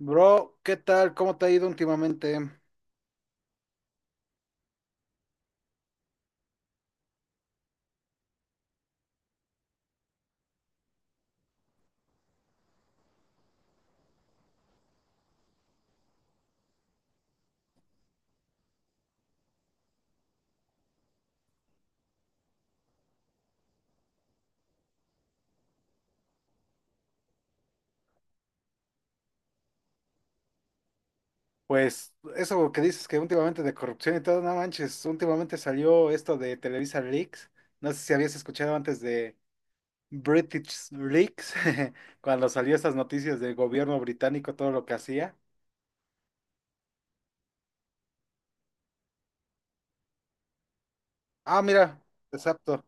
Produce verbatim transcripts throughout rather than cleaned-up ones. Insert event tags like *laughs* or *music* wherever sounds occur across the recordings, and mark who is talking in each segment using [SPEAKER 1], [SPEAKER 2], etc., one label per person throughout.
[SPEAKER 1] Bro, ¿qué tal? ¿Cómo te ha ido últimamente? Pues eso que dices que últimamente de corrupción y todo, no manches, últimamente salió esto de Televisa Leaks. No sé si habías escuchado antes de British Leaks, *laughs* cuando salió esas noticias del gobierno británico, todo lo que hacía. Ah, mira, exacto.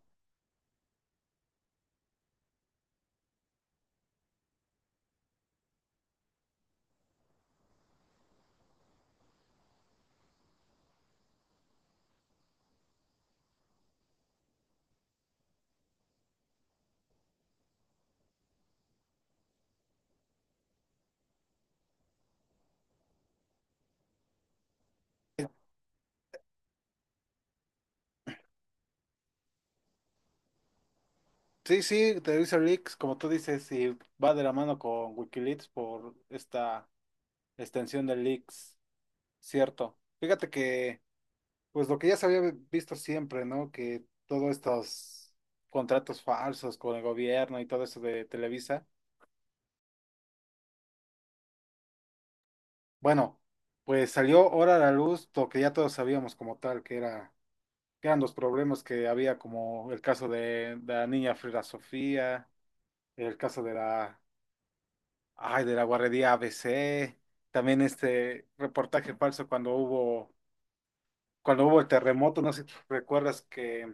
[SPEAKER 1] Sí, sí, Televisa Leaks, como tú dices, y va de la mano con Wikileaks por esta extensión de Leaks, cierto. Fíjate que pues lo que ya se había visto siempre, ¿no? Que todos estos contratos falsos con el gobierno y todo eso de Televisa, bueno, pues salió ahora a la luz lo que ya todos sabíamos como tal, que era, que eran los problemas que había, como el caso de, de la niña Frida Sofía, el caso de la, ay, de la guardería A B C, también este reportaje falso cuando hubo, cuando hubo el terremoto, no sé si recuerdas que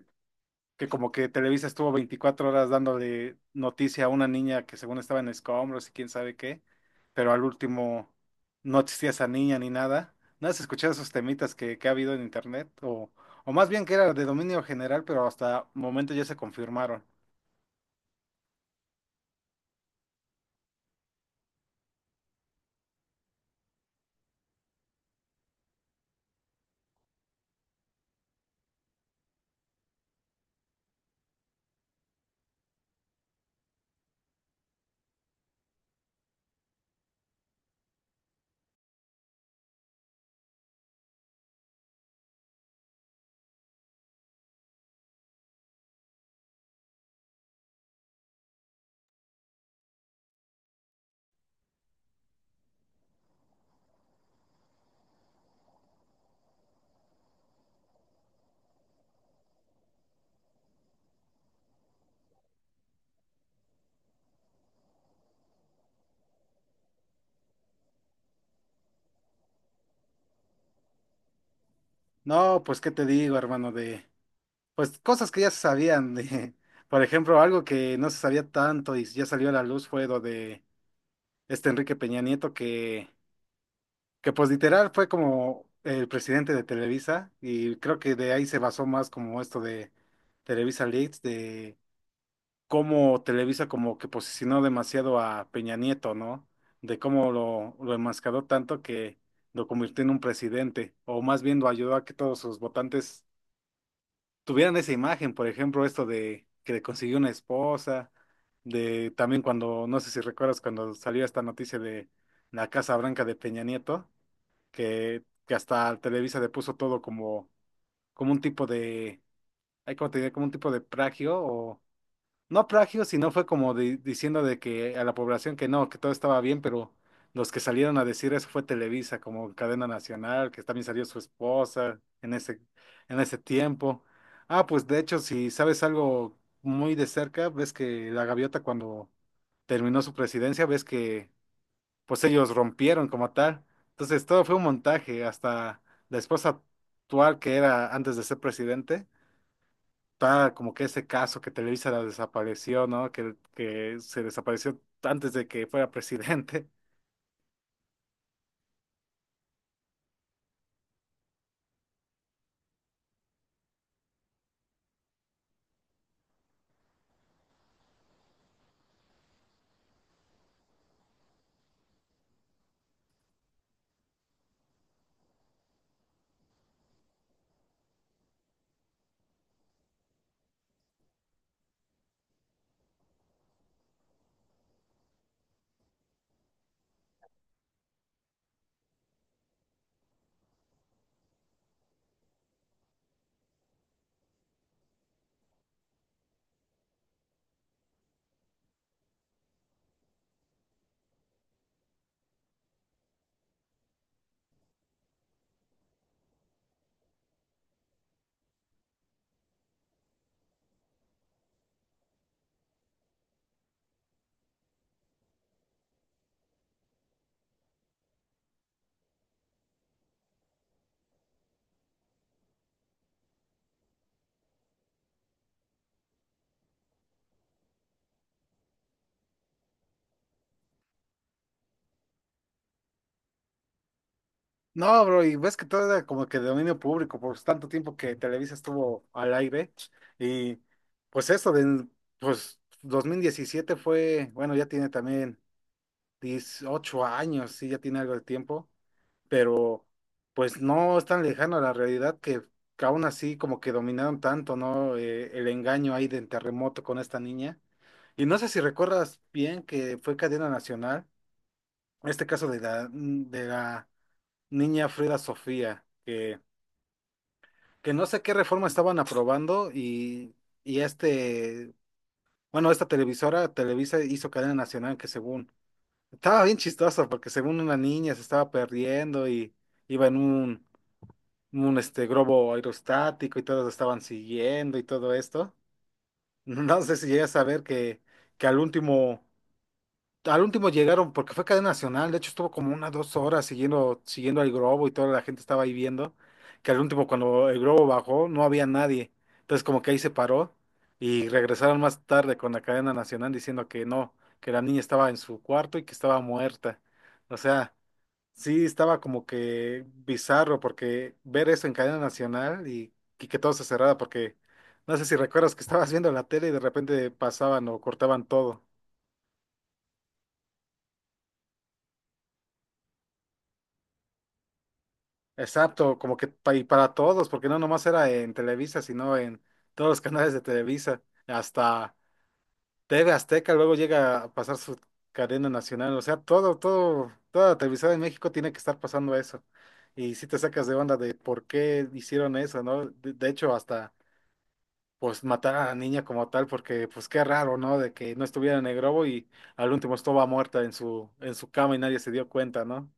[SPEAKER 1] que como que Televisa estuvo veinticuatro horas dándole noticia a una niña que según estaba en escombros y quién sabe qué, pero al último no existía esa niña ni nada. ¿No has escuchado esos temitas que, que ha habido en internet? O, o más bien que era de dominio general, pero hasta momento ya se confirmaron. No, pues qué te digo, hermano, de pues cosas que ya se sabían de, *laughs* por ejemplo, algo que no se sabía tanto y ya salió a la luz fue lo de este Enrique Peña Nieto que que pues literal fue como el presidente de Televisa, y creo que de ahí se basó más como esto de Televisa Leaks, de cómo Televisa como que posicionó demasiado a Peña Nieto, ¿no? De cómo lo, lo enmascaró tanto que lo convirtió en un presidente, o más bien lo ayudó a que todos sus votantes tuvieran esa imagen, por ejemplo, esto de que le consiguió una esposa, de también cuando, no sé si recuerdas cuando salió esta noticia de la Casa Blanca de Peña Nieto que, que hasta Televisa le puso todo como, como un tipo de, ay, ¿cómo te diré? Como un tipo de plagio, o no plagio, sino fue como di- diciendo de que a la población que no, que todo estaba bien, pero los que salieron a decir eso fue Televisa, como cadena nacional, que también salió su esposa en ese, en ese tiempo. Ah, pues de hecho, si sabes algo muy de cerca, ves que la gaviota cuando terminó su presidencia, ves que pues ellos rompieron como tal. Entonces todo fue un montaje, hasta la esposa actual, que era antes de ser presidente, está como que ese caso que Televisa la desapareció, ¿no? Que, que se desapareció antes de que fuera presidente. *laughs* No, bro, y ves que todo era como que de dominio público por tanto tiempo que Televisa estuvo al aire. Y pues eso, de, pues dos mil diecisiete fue, bueno, ya tiene también dieciocho años, sí, ya tiene algo de tiempo, pero pues no es tan lejano a la realidad que que aún así como que dominaron tanto, ¿no? Eh, el engaño ahí del terremoto con esta niña. Y no sé si recuerdas bien que fue cadena nacional, este caso de la, mm, de la niña Frida Sofía, que, que no sé qué reforma estaban aprobando y, y este, bueno, esta televisora, Televisa hizo cadena nacional que según, estaba bien chistoso porque según una niña se estaba perdiendo y iba en un un este globo aerostático, y todos estaban siguiendo y todo esto. *laughs* No sé si llegas a ver que, que al último, al último llegaron, porque fue cadena nacional, de hecho estuvo como unas dos horas siguiendo, siguiendo al globo y toda la gente estaba ahí viendo, que al último cuando el globo bajó no había nadie. Entonces como que ahí se paró y regresaron más tarde con la cadena nacional diciendo que no, que la niña estaba en su cuarto y que estaba muerta. O sea, sí, estaba como que bizarro porque ver eso en cadena nacional, y, y que todo se cerrara porque no sé si recuerdas que estabas viendo la tele y de repente pasaban o cortaban todo. Exacto, como que pa- y para todos, porque no nomás era en Televisa, sino en todos los *laughs* canales de Televisa, hasta T V Azteca luego llega a pasar su cadena nacional. O sea, todo, todo, toda la televisión en México tiene que estar pasando eso. Y si te sacas de onda de por qué hicieron eso, ¿no? de de hecho, hasta pues matar a la niña como tal, porque pues qué raro, ¿no? De que no estuviera en el grobo y al último estaba muerta en su, en su cama y nadie se dio cuenta, ¿no?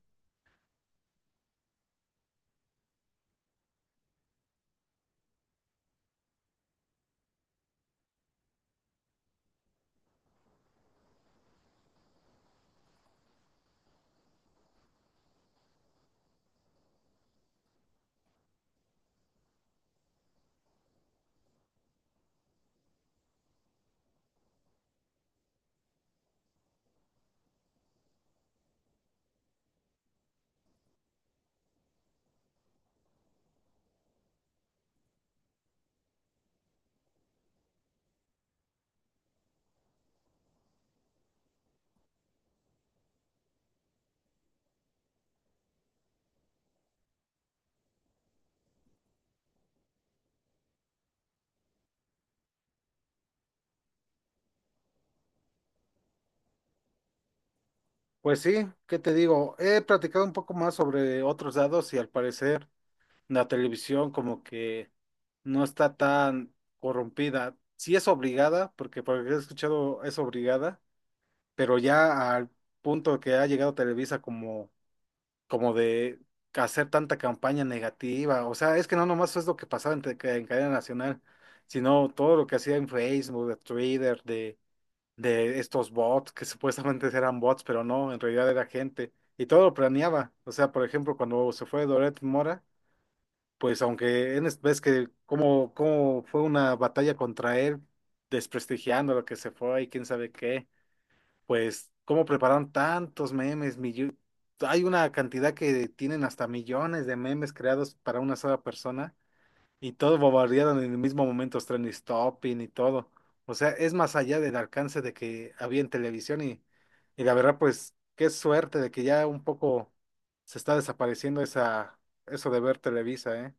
[SPEAKER 1] Pues sí, ¿qué te digo? He platicado un poco más sobre otros dados y al parecer la televisión como que no está tan corrompida. Sí es obligada, porque por lo que he escuchado es obligada, pero ya al punto que ha llegado Televisa como como de hacer tanta campaña negativa. O sea, es que no nomás es lo que pasaba en, te- en cadena nacional, sino todo lo que hacía en Facebook, de Twitter, de, de estos bots, que *laughs* supuestamente eran bots, pero no, en realidad era gente. Y todo lo planeaba. O sea, por ejemplo, cuando se fue Doret Mora, pues aunque en, es- ves que cómo, cómo fue una batalla contra él, desprestigiando lo que se fue y quién sabe qué pues, cómo prepararon tantos memes, millo- hay una cantidad que tienen hasta millones de memes creados para una sola persona, y todos bombardearon en el mismo momento, los trending topping y todo. O sea, es más allá del alcance de que había en televisión, y, y la verdad, pues, qué suerte de que ya un poco se está desapareciendo esa, eso de ver Televisa, ¿eh?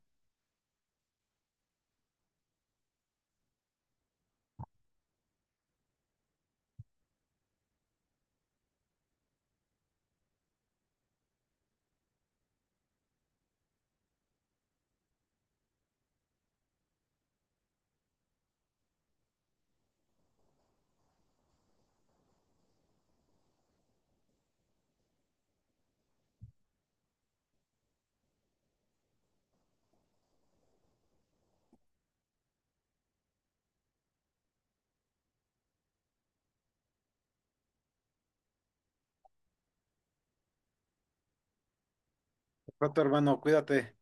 [SPEAKER 1] Pronto, hermano, cuídate.